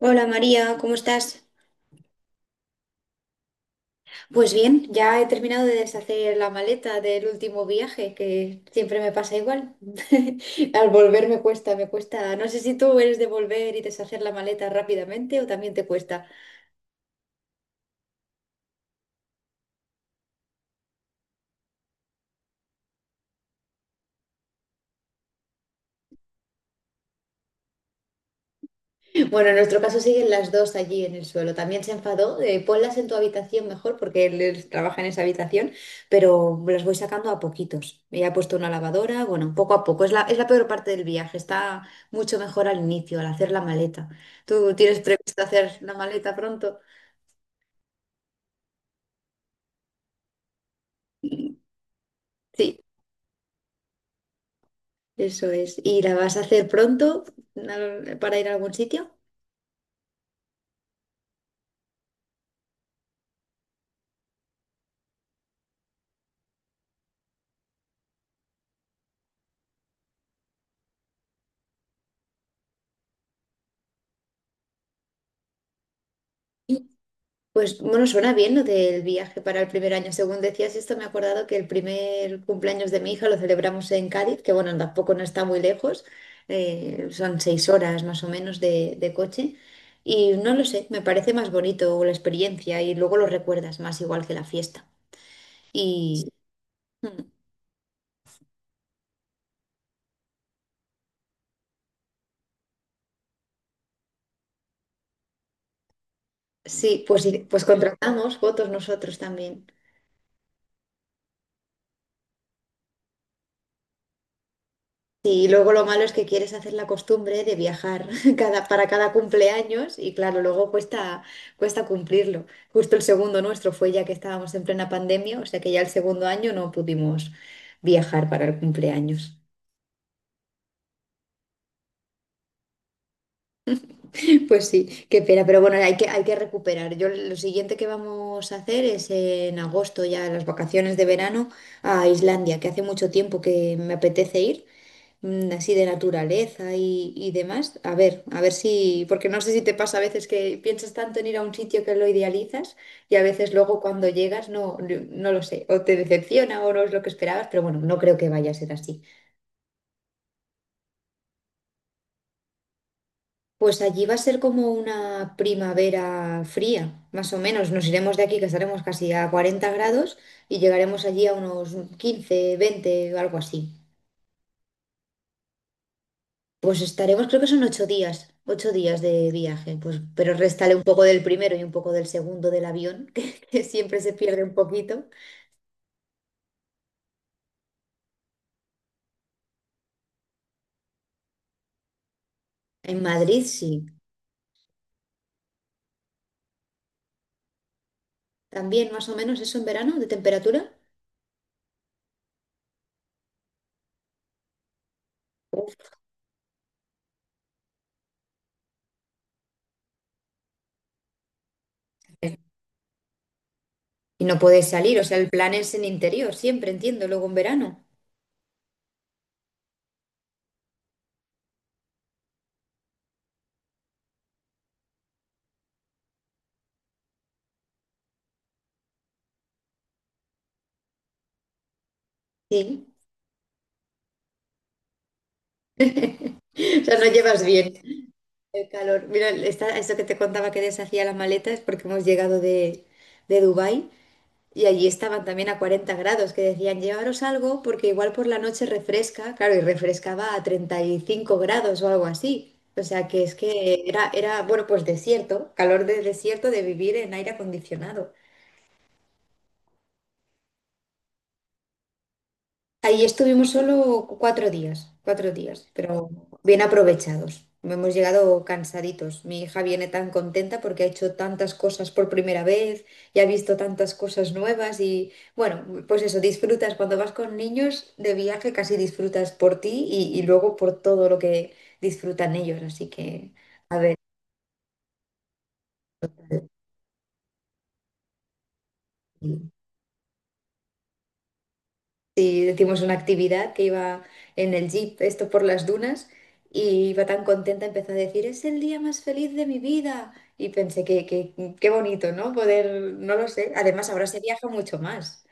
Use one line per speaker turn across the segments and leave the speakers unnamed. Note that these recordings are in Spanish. Hola María, ¿cómo estás? Pues bien, ya he terminado de deshacer la maleta del último viaje, que siempre me pasa igual. Al volver me cuesta, me cuesta. No sé si tú eres de volver y deshacer la maleta rápidamente o también te cuesta. Bueno, en nuestro caso siguen las dos allí en el suelo. También se enfadó, ponlas en tu habitación mejor porque él trabaja en esa habitación, pero las voy sacando a poquitos. Ya he puesto una lavadora, bueno, poco a poco. Es la peor parte del viaje, está mucho mejor al inicio, al hacer la maleta. ¿Tú tienes previsto hacer la maleta pronto? Sí, eso es. ¿Y la vas a hacer pronto para ir a algún sitio? Pues bueno, suena bien lo del viaje para el primer año. Según decías esto, me he acordado que el primer cumpleaños de mi hija lo celebramos en Cádiz, que bueno, tampoco no está muy lejos, son 6 horas más o menos de coche. Y no lo sé, me parece más bonito la experiencia y luego lo recuerdas más igual que la fiesta. Y mm, sí, pues contratamos fotos nosotros también. Sí, y luego lo malo es que quieres hacer la costumbre de viajar para cada cumpleaños y claro, luego cuesta cumplirlo. Justo el segundo nuestro fue ya que estábamos en plena pandemia, o sea que ya el segundo año no pudimos viajar para el cumpleaños. Pues sí, qué pena, pero bueno, hay que recuperar. Yo lo siguiente que vamos a hacer es en agosto, ya las vacaciones de verano, a Islandia, que hace mucho tiempo que me apetece ir así de naturaleza y demás. A ver si, porque no sé si te pasa a veces que piensas tanto en ir a un sitio que lo idealizas y a veces luego cuando llegas no lo sé, o te decepciona o no es lo que esperabas, pero bueno, no creo que vaya a ser así. Pues allí va a ser como una primavera fría, más o menos. Nos iremos de aquí, que estaremos casi a 40 grados, y llegaremos allí a unos 15 20 o algo así. Pues estaremos, creo que son 8 días, 8 días de viaje, pues, pero réstale un poco del primero y un poco del segundo del avión, que siempre se pierde un poquito. En Madrid sí, también más o menos eso en verano de temperatura. Uf, y no puedes salir, o sea, el plan es en interior, siempre entiendo, luego en verano. Sí, o sea, no llevas bien el calor. Mira, esto que te contaba que deshacía las maletas porque hemos llegado de Dubái. Y allí estaban también a 40 grados, que decían, llevaros algo porque igual por la noche refresca, claro, y refrescaba a 35 grados o algo así. O sea que es que era, era, bueno, pues desierto, calor de desierto de vivir en aire acondicionado. Ahí estuvimos solo 4 días, 4 días, pero bien aprovechados. Hemos llegado cansaditos. Mi hija viene tan contenta porque ha hecho tantas cosas por primera vez y ha visto tantas cosas nuevas y bueno, pues eso, disfrutas cuando vas con niños de viaje, casi disfrutas por ti y luego por todo lo que disfrutan ellos. Así que, a ver. Y hicimos una actividad que iba en el jeep, esto por las dunas, y iba tan contenta, empezó a decir, es el día más feliz de mi vida. Y pensé que, qué bonito, ¿no? Poder, no lo sé. Además, ahora se viaja mucho más.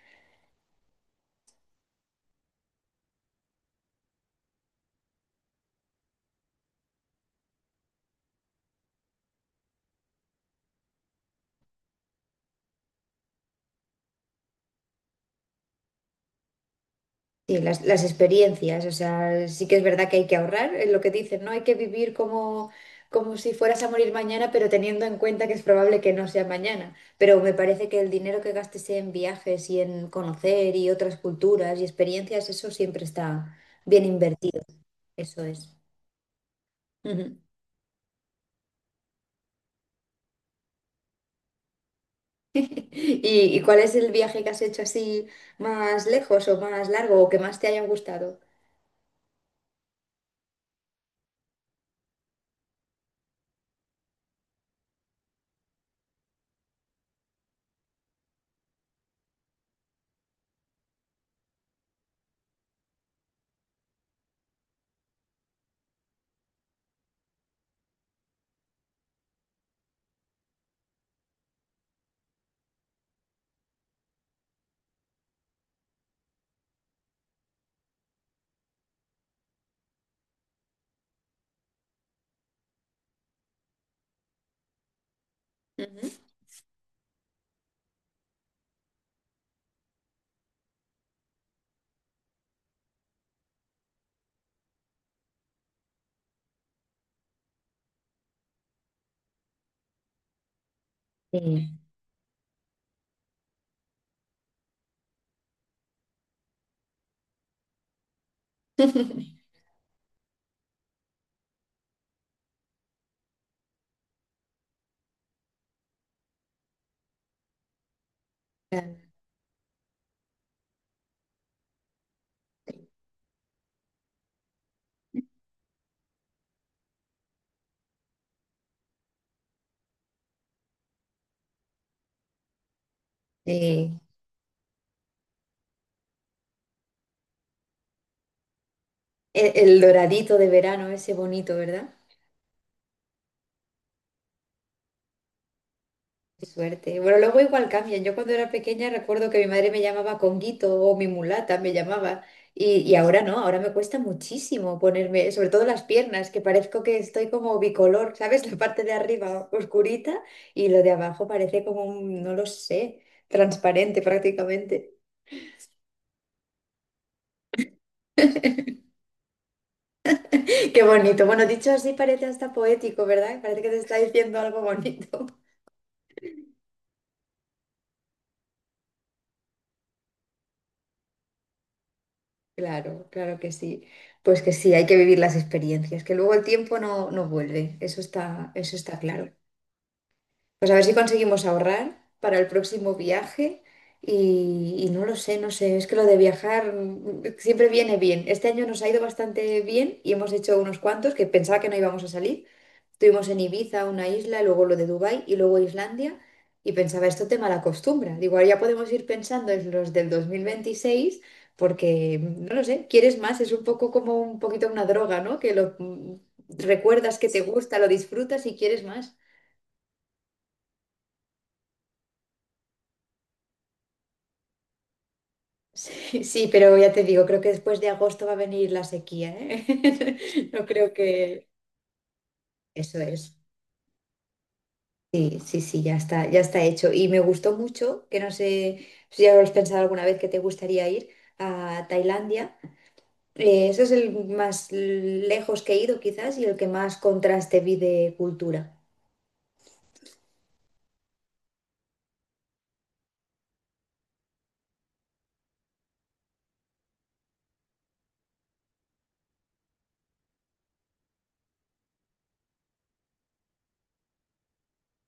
Sí, las experiencias, o sea, sí que es verdad que hay que ahorrar, es lo que dicen, no hay que vivir como si fueras a morir mañana, pero teniendo en cuenta que es probable que no sea mañana. Pero me parece que el dinero que gastes en viajes y en conocer y otras culturas y experiencias, eso siempre está bien invertido, eso es. Ujú. ¿Y cuál es el viaje que has hecho así más lejos o más largo o que más te haya gustado? Ujú. Sí. Claro. Sí. El doradito de verano, ese bonito, ¿verdad? Qué suerte. Bueno, luego igual cambian. Yo cuando era pequeña recuerdo que mi madre me llamaba Conguito o mi mulata me llamaba. Y ahora no, ahora me cuesta muchísimo ponerme, sobre todo las piernas, que parezco que estoy como bicolor, ¿sabes? La parte de arriba oscurita y lo de abajo parece como un, no lo sé, transparente prácticamente. Qué bonito. Bueno, dicho así parece hasta poético, ¿verdad? Parece que te está diciendo algo bonito. Claro, claro que sí. Pues que sí, hay que vivir las experiencias, que luego el tiempo no vuelve, eso está claro. Pues a ver si conseguimos ahorrar para el próximo viaje y no lo sé, no sé, es que lo de viajar siempre viene bien. Este año nos ha ido bastante bien y hemos hecho unos cuantos que pensaba que no íbamos a salir. Estuvimos en Ibiza, una isla, luego lo de Dubái y luego Islandia. Y pensaba, esto te malacostumbra. Digo, ahora ya podemos ir pensando en los del 2026 porque, no lo sé, quieres más. Es un poco como un poquito una droga, ¿no? Que lo recuerdas que te gusta, lo disfrutas y quieres más. Sí, sí, pero ya te digo, creo que después de agosto va a venir la sequía, ¿eh? No creo que. Eso es. Sí, sí, sí, ya está hecho. Y me gustó mucho, que no sé si ya lo has pensado alguna vez que te gustaría ir a Tailandia. Ese es el más lejos que he ido quizás y el que más contraste vi de cultura.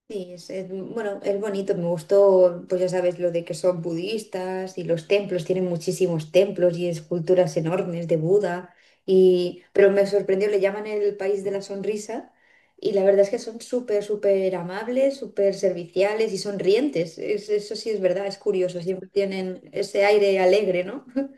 Sí, bueno, es bonito, me gustó, pues ya sabes, lo de que son budistas y los templos, tienen muchísimos templos y esculturas enormes de Buda, y, pero me sorprendió, le llaman el país de la sonrisa y la verdad es que son súper, súper amables, súper serviciales y sonrientes, eso sí es verdad, es curioso, siempre tienen ese aire alegre, ¿no?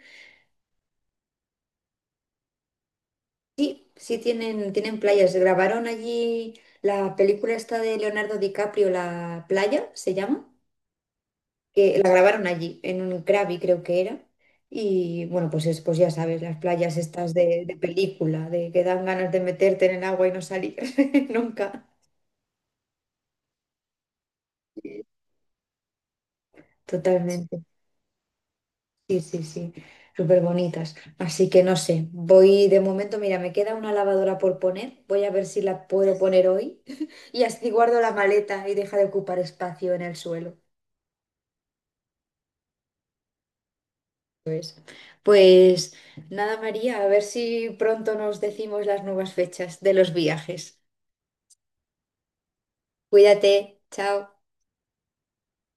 Sí, sí tienen playas, grabaron allí la película esta de Leonardo DiCaprio, La playa, se llama. Que la grabaron allí, en un Krabi creo que era. Y bueno, pues ya sabes, las playas estas de película, de que dan ganas de meterte en el agua y no salir nunca. Totalmente. Sí, sí, sí. Súper bonitas. Así que no sé, voy de momento, mira, me queda una lavadora por poner. Voy a ver si la puedo poner hoy. Y así guardo la maleta y deja de ocupar espacio en el suelo. Pues, pues nada, María, a ver si pronto nos decimos las nuevas fechas de los viajes. Cuídate, chao.